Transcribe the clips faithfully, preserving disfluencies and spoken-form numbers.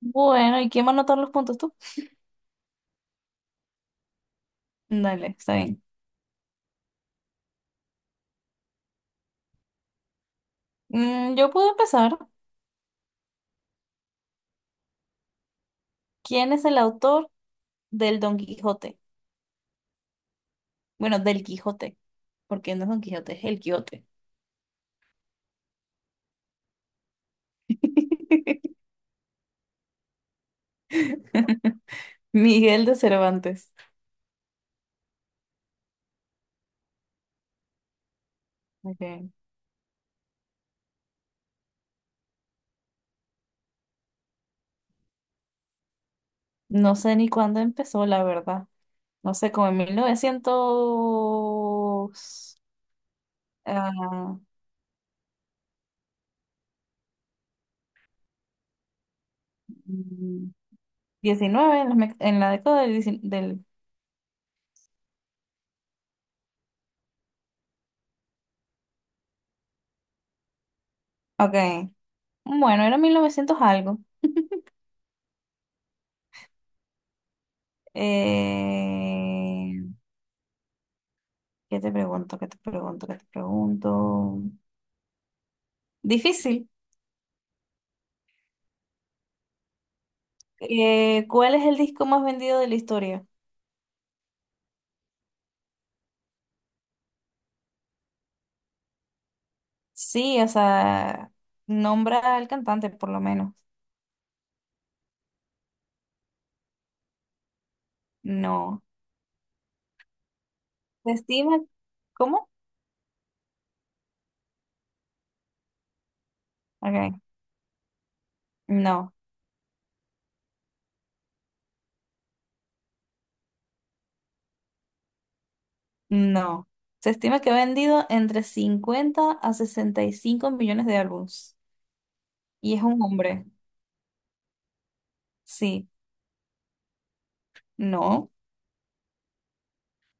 Bueno, ¿y quién va a anotar los puntos tú? Dale, está bien. Mm, yo puedo empezar. ¿Quién es el autor del Don Quijote? Bueno, del Quijote, porque no es Don Quijote, es el Quijote. Miguel de Cervantes. Ok. No sé ni cuándo empezó, la verdad. No sé, como en mil novecientos ah, diecinueve en la, me- en la década del diecinueve del... Ok. Bueno, era mil novecientos algo. Eh, ¿Qué te pregunto? ¿Qué te pregunto? ¿Qué te pregunto? Difícil. Eh, ¿cuál es el disco más vendido de la historia? Sí, o sea, nombra al cantante por lo menos. No. Se estima, ¿cómo? Ok. No, no. Se estima que ha vendido entre cincuenta a sesenta y cinco millones de álbumes. Y es un hombre. Sí, no.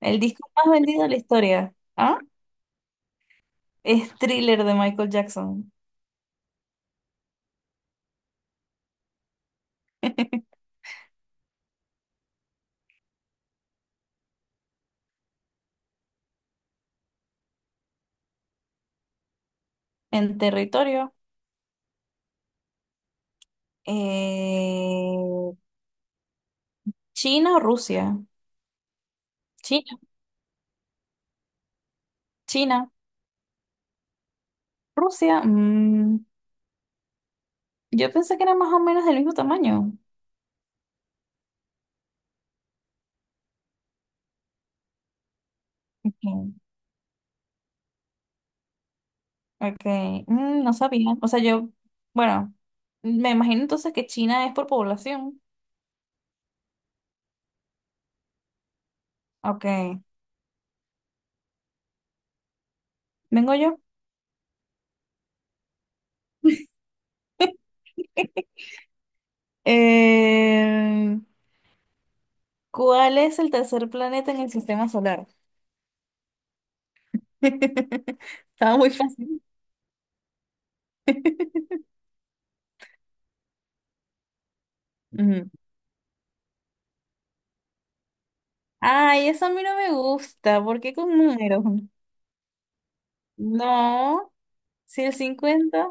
El disco más vendido de la historia. ¿Ah? Es Thriller de Michael Jackson. En territorio. Eh, China o Rusia. China, China, Rusia. Mm, yo pensé que era más o menos del mismo tamaño. Ok, ok. Mm, no sabía. O sea, yo, bueno, me imagino entonces que China es por población. Ok, vengo yo. Eh, ¿Cuál es el tercer planeta en el sistema solar? Estaba muy fácil. Ujú. Ay, eso a mí no me gusta. ¿Por qué con números? No. Si el cincuenta,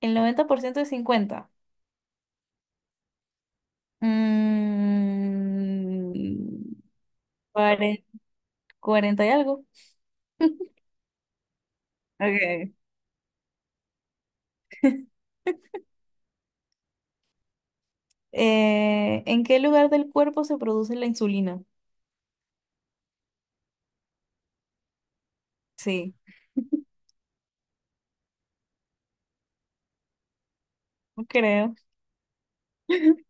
el noventa por ciento es cincuenta. Mm, cuare- Cuarenta y algo. Okay. Eh, ¿en qué lugar del cuerpo se produce la insulina? Sí, no creo.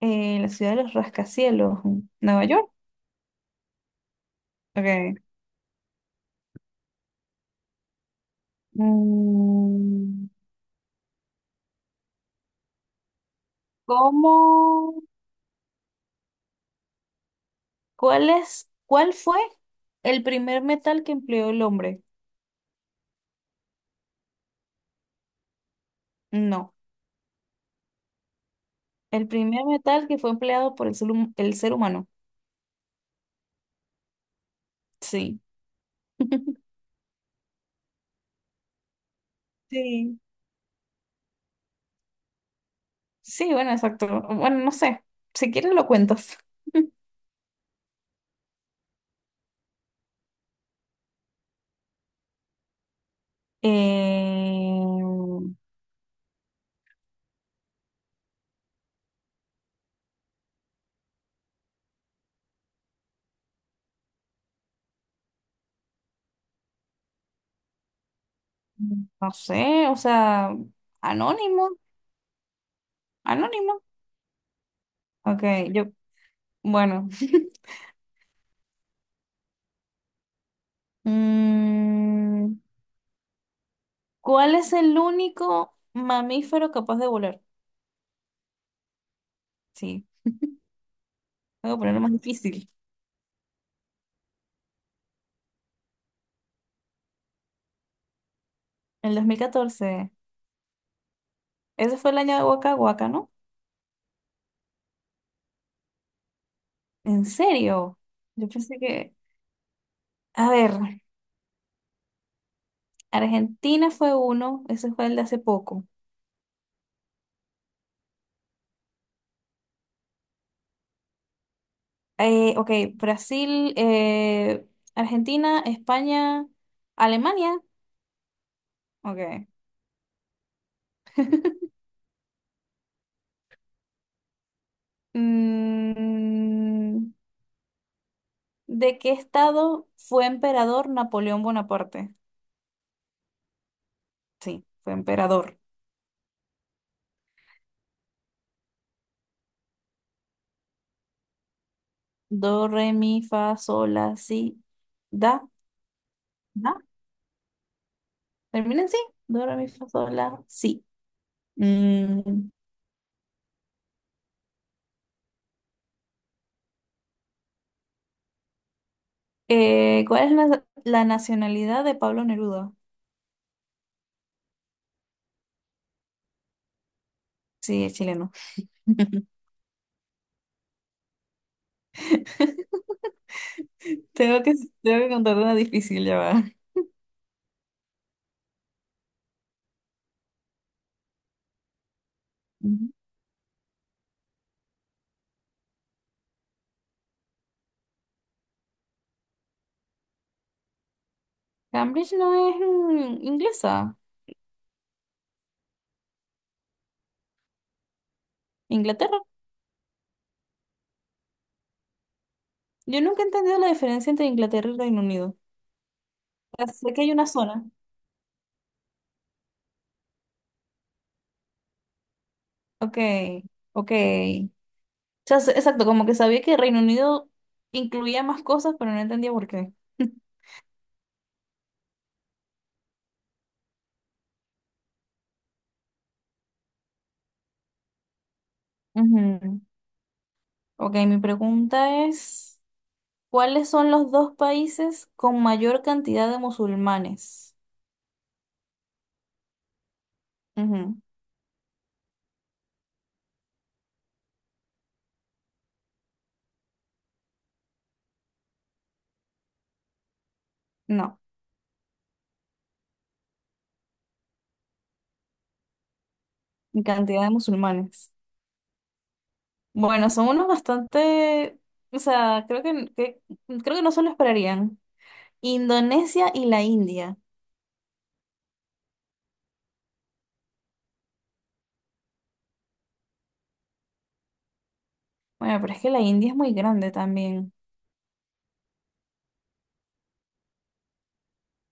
Eh, la ciudad de los rascacielos, Nueva York. Okay. Mm, ¿Cómo? ¿Cuál es? ¿Cuál fue el primer metal que empleó el hombre? No, el primer metal que fue empleado por el ser, hum- el ser humano. Sí. Sí. Sí, bueno, exacto. Bueno, no sé. Si quieres lo cuentas. Eh, no sé, o sea, anónimo, anónimo. Ok, yo, bueno. Mm, ¿Cuál es el único mamífero capaz de volar? Sí, tengo que ponerlo más difícil. El dos mil catorce, ese fue el año de Waka Waka, ¿no? ¿En serio? Yo pensé que... A ver. Argentina fue uno, ese fue el de hace poco. Eh, ok, Brasil, eh, Argentina, España, Alemania. Ok. Mm, ¿De qué estado fue emperador Napoleón Bonaparte? Sí, fue emperador. Do, re, mi, fa, sol, la, si, da, da. ¿Termina en sí? Do, re, mi, fa, sol, la, si. Mm, eh, ¿Cuál es la, la nacionalidad de Pablo Neruda? Sí, es chileno. Tengo que, tengo que contar una difícil, ya va. Ujú. Cambridge no es mm, inglesa, Inglaterra. Yo nunca he entendido la diferencia entre Inglaterra y Reino Unido. O sea, sé que hay una zona. Ok, ok. O sea, sé- exacto, como que sabía que Reino Unido incluía más cosas, pero no entendía por qué. Ujú. Ok, mi pregunta es, ¿cuáles son los dos países con mayor cantidad de musulmanes? Ujú. No, cantidad de musulmanes. Bueno, son unos bastante, o sea, creo que, que- creo que no se lo esperarían. Indonesia y la India. Bueno, pero es que la India es muy grande también.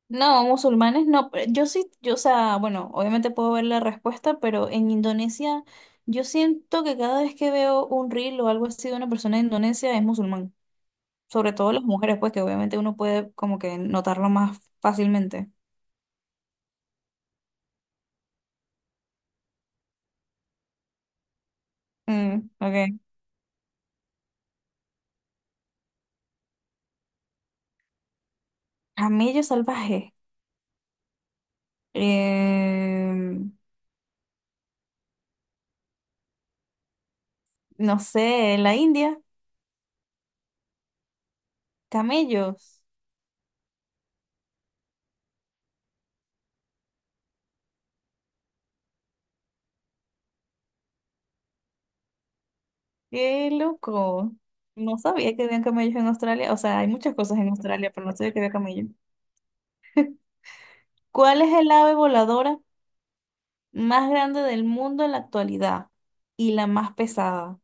No, musulmanes no. Pero yo sí. Yo, o sea, bueno, obviamente puedo ver la respuesta, pero en Indonesia yo siento que cada vez que veo un reel o algo así de una persona de Indonesia es musulmán. Sobre todo las mujeres, pues que obviamente uno puede como que notarlo más fácilmente. Mm, ok. Camello salvaje. Em, no sé, en la India, camellos. Qué loco. No sabía que había camellos en Australia. O sea, hay muchas cosas en Australia, pero no sabía que había camellos. ¿Cuál es el ave voladora más grande del mundo en la actualidad y la más pesada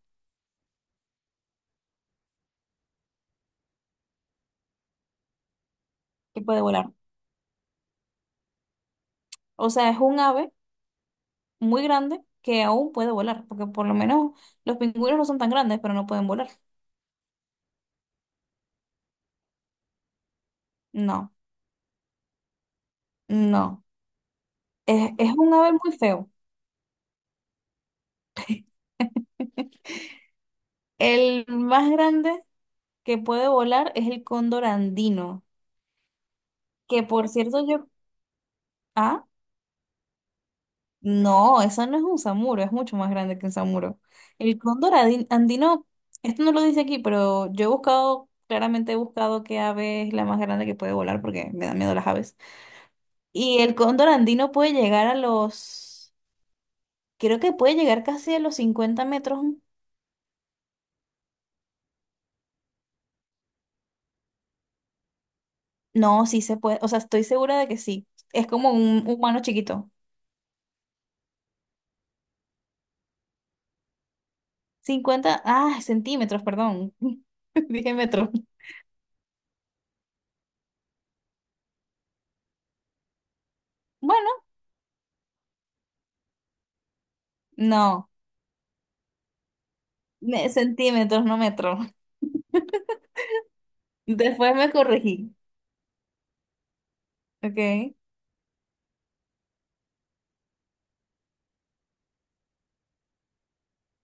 que puede volar? O sea, es un ave muy grande que aún puede volar, porque por lo menos los pingüinos no son tan grandes, pero no pueden volar. No, no. Es, es un ave muy feo. El más grande que puede volar es el cóndor andino. Que por cierto, yo. Ah, no, eso no es un samuro, es mucho más grande que un samuro. El cóndor adi- andino, esto no lo dice aquí, pero yo he buscado, claramente he buscado qué ave es la más grande que puede volar porque me dan miedo las aves. Y el cóndor andino puede llegar a los. Creo que puede llegar casi a los cincuenta metros. No, sí se puede, o sea, estoy segura de que sí. Es como un humano chiquito. Cincuenta ah, centímetros, perdón. Dije metros. Bueno, no. Me- centímetros, no metros. Después me corregí. Ok.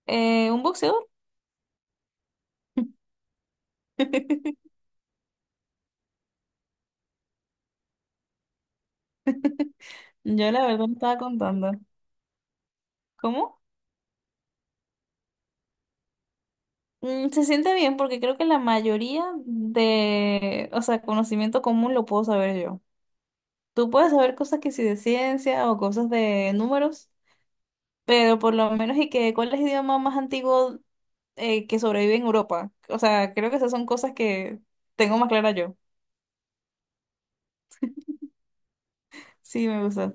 Eh, un boxeador. Yo la verdad no estaba contando. ¿Cómo? Mm, se siente bien porque creo que la mayoría de, o sea, conocimiento común lo puedo saber yo. Tú puedes saber cosas que sí de ciencia o cosas de números, pero por lo menos y que cuál es el idioma más antiguo eh, que sobrevive en Europa. O sea, creo que esas son cosas que tengo más clara yo. Sí, me gusta.